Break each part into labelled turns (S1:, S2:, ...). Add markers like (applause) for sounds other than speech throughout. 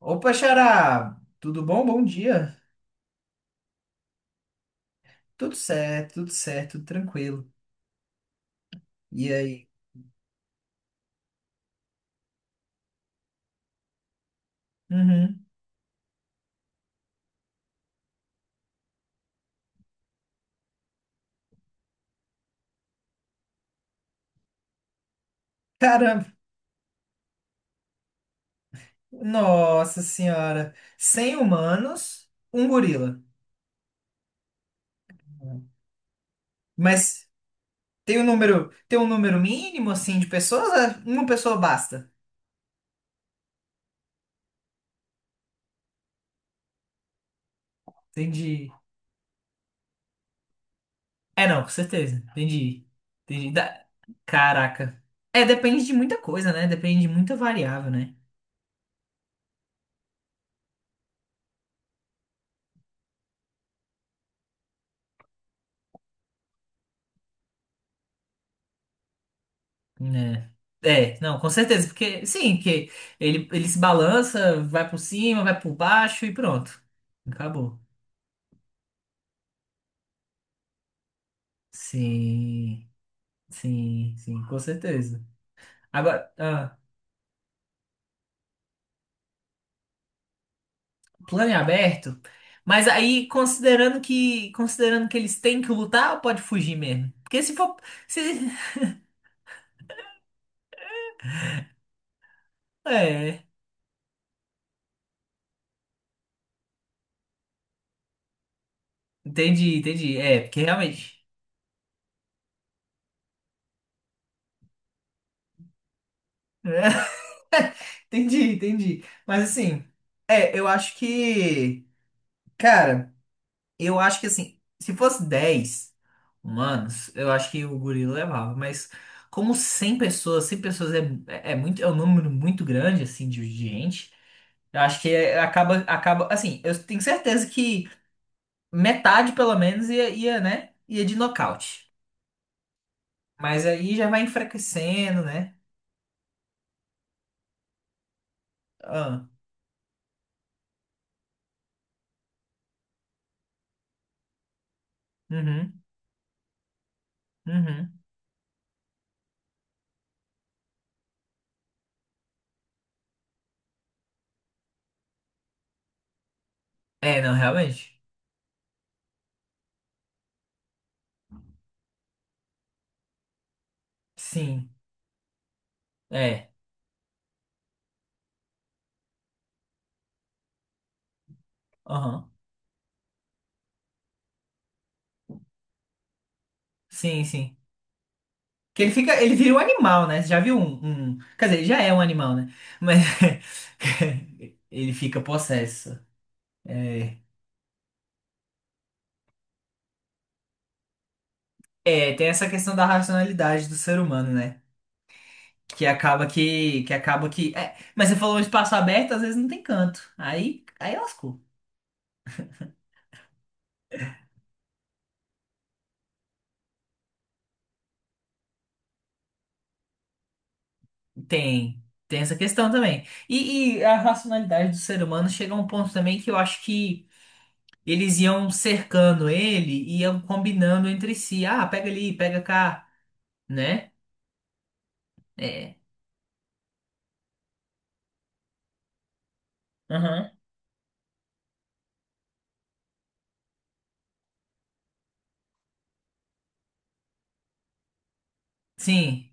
S1: Opa, Xará! Tudo bom? Bom dia. Tudo certo, tudo certo, tudo tranquilo. E aí? Uhum. Caramba, nossa senhora. 100 humanos, um gorila. Mas tem um número mínimo assim de pessoas? Ah, uma pessoa basta. Entendi. É, não, com certeza. Entendi. Entendi. Da- Caraca. É, depende de muita coisa, né? Depende de muita variável, né? Né? É, não, com certeza, porque sim, que ele se balança, vai por cima, vai por baixo e pronto. Acabou. Sim, sim, sim, com certeza. Agora, plano em aberto, mas aí considerando que eles têm que lutar, ou pode fugir mesmo? Porque se for, se, é, entendi, entendi. É, porque realmente. (laughs) Entendi, entendi. Mas assim, é, eu acho que, cara. Eu acho que assim, se fosse 10 humanos, eu acho que o gorila levava, mas como 100 pessoas é, é muito, é um número muito grande assim de gente. Eu acho que acaba assim, eu tenho certeza que metade pelo menos ia de nocaute. Mas aí já vai enfraquecendo, né? Ah, uhum, uhum. É, não, realmente. Sim. É. Aham. Sim, sim. Que ele fica, ele vira um animal, né? Você já viu um, quer dizer, ele já é um animal, né? Mas (laughs) ele fica possesso. É, é, tem essa questão da racionalidade do ser humano, né? Que acaba que acaba que. É, mas você falou um espaço aberto, às vezes não tem canto. Aí lascou. Tem, tem essa questão também. E a racionalidade do ser humano chega a um ponto também que eu acho que eles iam cercando ele, iam combinando entre si. Ah, pega ali, pega cá, né? É. Sim,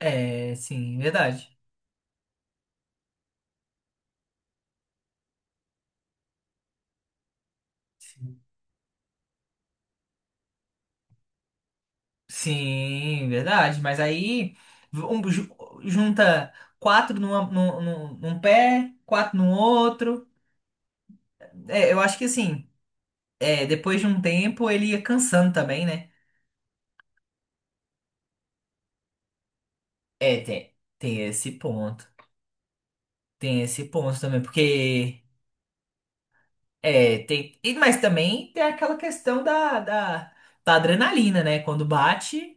S1: é, sim, verdade. Sim, sim, verdade. Mas aí um junta quatro num pé, quatro no outro. É, eu acho que assim, é, depois de um tempo ele ia cansando também, né? É, tem, tem esse ponto. Tem esse ponto também, porque Mas também tem aquela questão da adrenalina, né? Quando bate.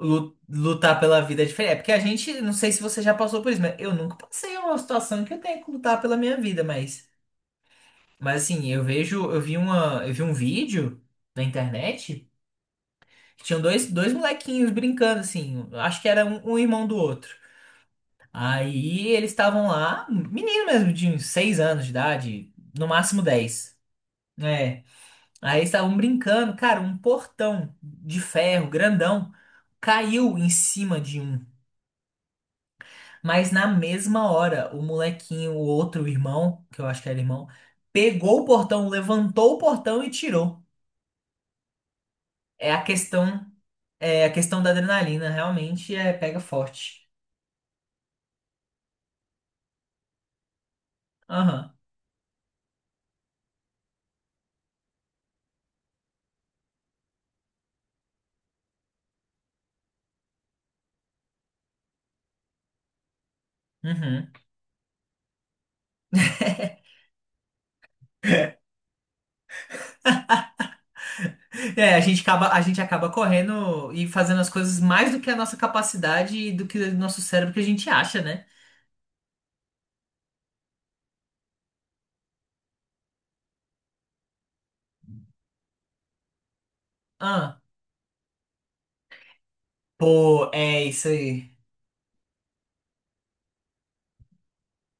S1: Lutar pela vida é diferente. É porque a gente, não sei se você já passou por isso, mas eu nunca passei uma situação que eu tenha que lutar pela minha vida, mas assim, eu vi uma, eu vi um vídeo na internet que tinham dois, dois molequinhos brincando, assim, acho que era um, um irmão do outro. Aí eles estavam lá, menino mesmo, de uns seis anos de idade, no máximo dez. É. Aí eles estavam brincando, cara, um portão de ferro grandão caiu em cima de um. Mas na mesma hora, o molequinho, o outro irmão, que eu acho que era irmão, pegou o portão, levantou o portão e tirou. É a questão, É a questão da adrenalina, realmente é pega forte. Aham. Uhum. É, a gente acaba correndo e fazendo as coisas mais do que a nossa capacidade e do que o nosso cérebro que a gente acha, né? Ah, pô, é isso aí.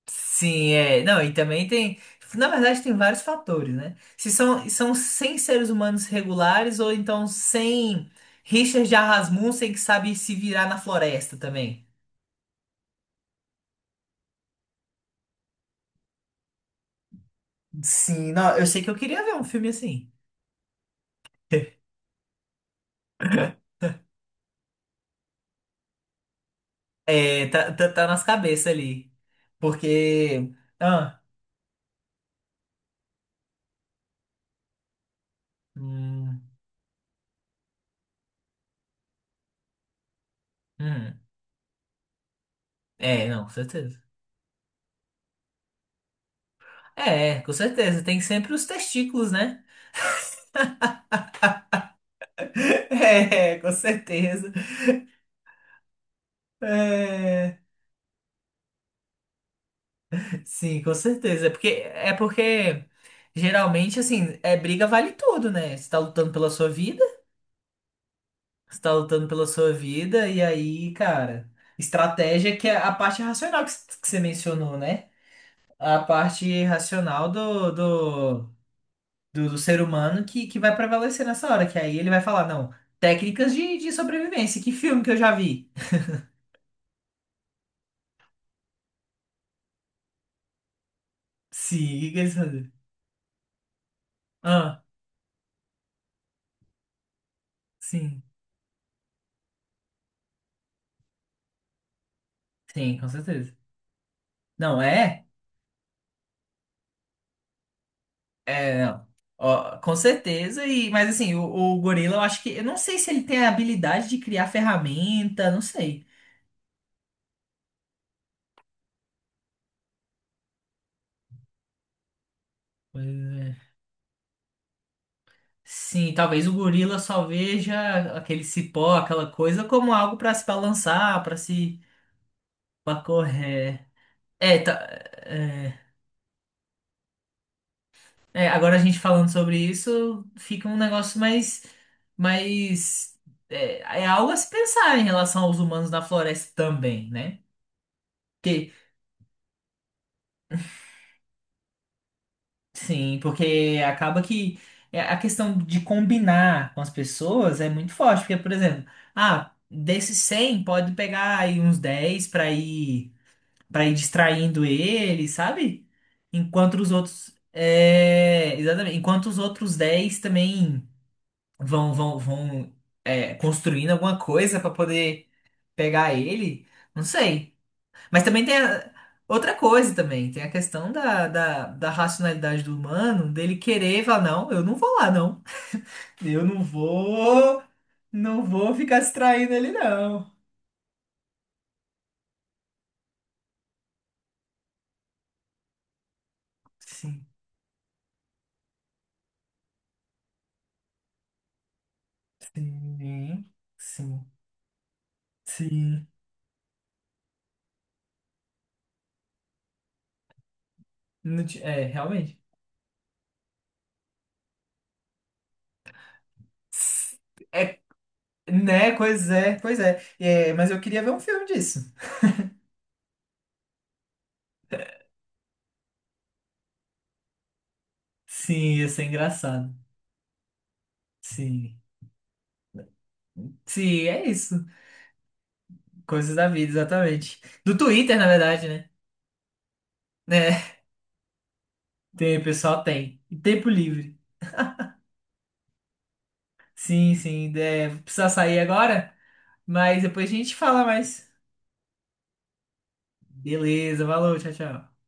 S1: Sim, é. Não, e também tem. Na verdade, tem vários fatores, né? Se são, são 100 seres humanos regulares ou então 100 Richard Rasmussen que sabe se virar na floresta também. Sim, não, eu sei que eu queria ver um filme assim. É, tá, tá, tá nas cabeças ali. Porque. Ah, hum, hum. É, não, com certeza. É, com certeza. Tem sempre os testículos, né? (laughs) É, com certeza. É. Sim, com certeza. É porque geralmente, assim, é briga vale tudo, né? Você tá lutando pela sua vida, você tá lutando pela sua vida, e aí, cara, estratégia que é a parte racional que você mencionou, né? A parte racional do ser humano que vai prevalecer nessa hora, que aí ele vai falar, não, técnicas de sobrevivência, que filme que eu já vi? Sim, o que que eles fazem? Ah, sim, sim, com certeza. Não é? É, não. Ó, com certeza. Mas assim, o gorila, eu acho que. Eu não sei se ele tem a habilidade de criar ferramenta, não sei. Pois é. Sim, talvez o gorila só veja aquele cipó, aquela coisa, como algo para se balançar, para se. Pra correr. É, tá, é, É, agora a gente falando sobre isso, fica um negócio mais. Mais é, é algo a se pensar em relação aos humanos na floresta também, né? Porque sim, porque acaba que é, a questão de combinar com as pessoas é muito forte, porque, por exemplo, ah, desses 100 pode pegar aí uns 10 para ir distraindo ele, sabe? Enquanto os outros é, exatamente, enquanto os outros 10 também vão é, construindo alguma coisa para poder pegar ele, não sei. Mas também outra coisa também, tem a questão da racionalidade do humano, dele querer falar, não, eu não vou lá, não. Eu não vou, não vou ficar distraindo ele, não. Sim, sim, sim, sim. Não ti- É, realmente. É, né? Pois é, pois é. É, mas eu queria ver um filme disso. Sim, ia ser engraçado. Sim. Sim, é isso. Coisas da vida, exatamente. Do Twitter, na verdade, né? É, tem, o pessoal, tem. E tempo livre. Sim, sim. É, vou precisar sair agora, mas depois a gente fala mais. Beleza, valeu, tchau, tchau.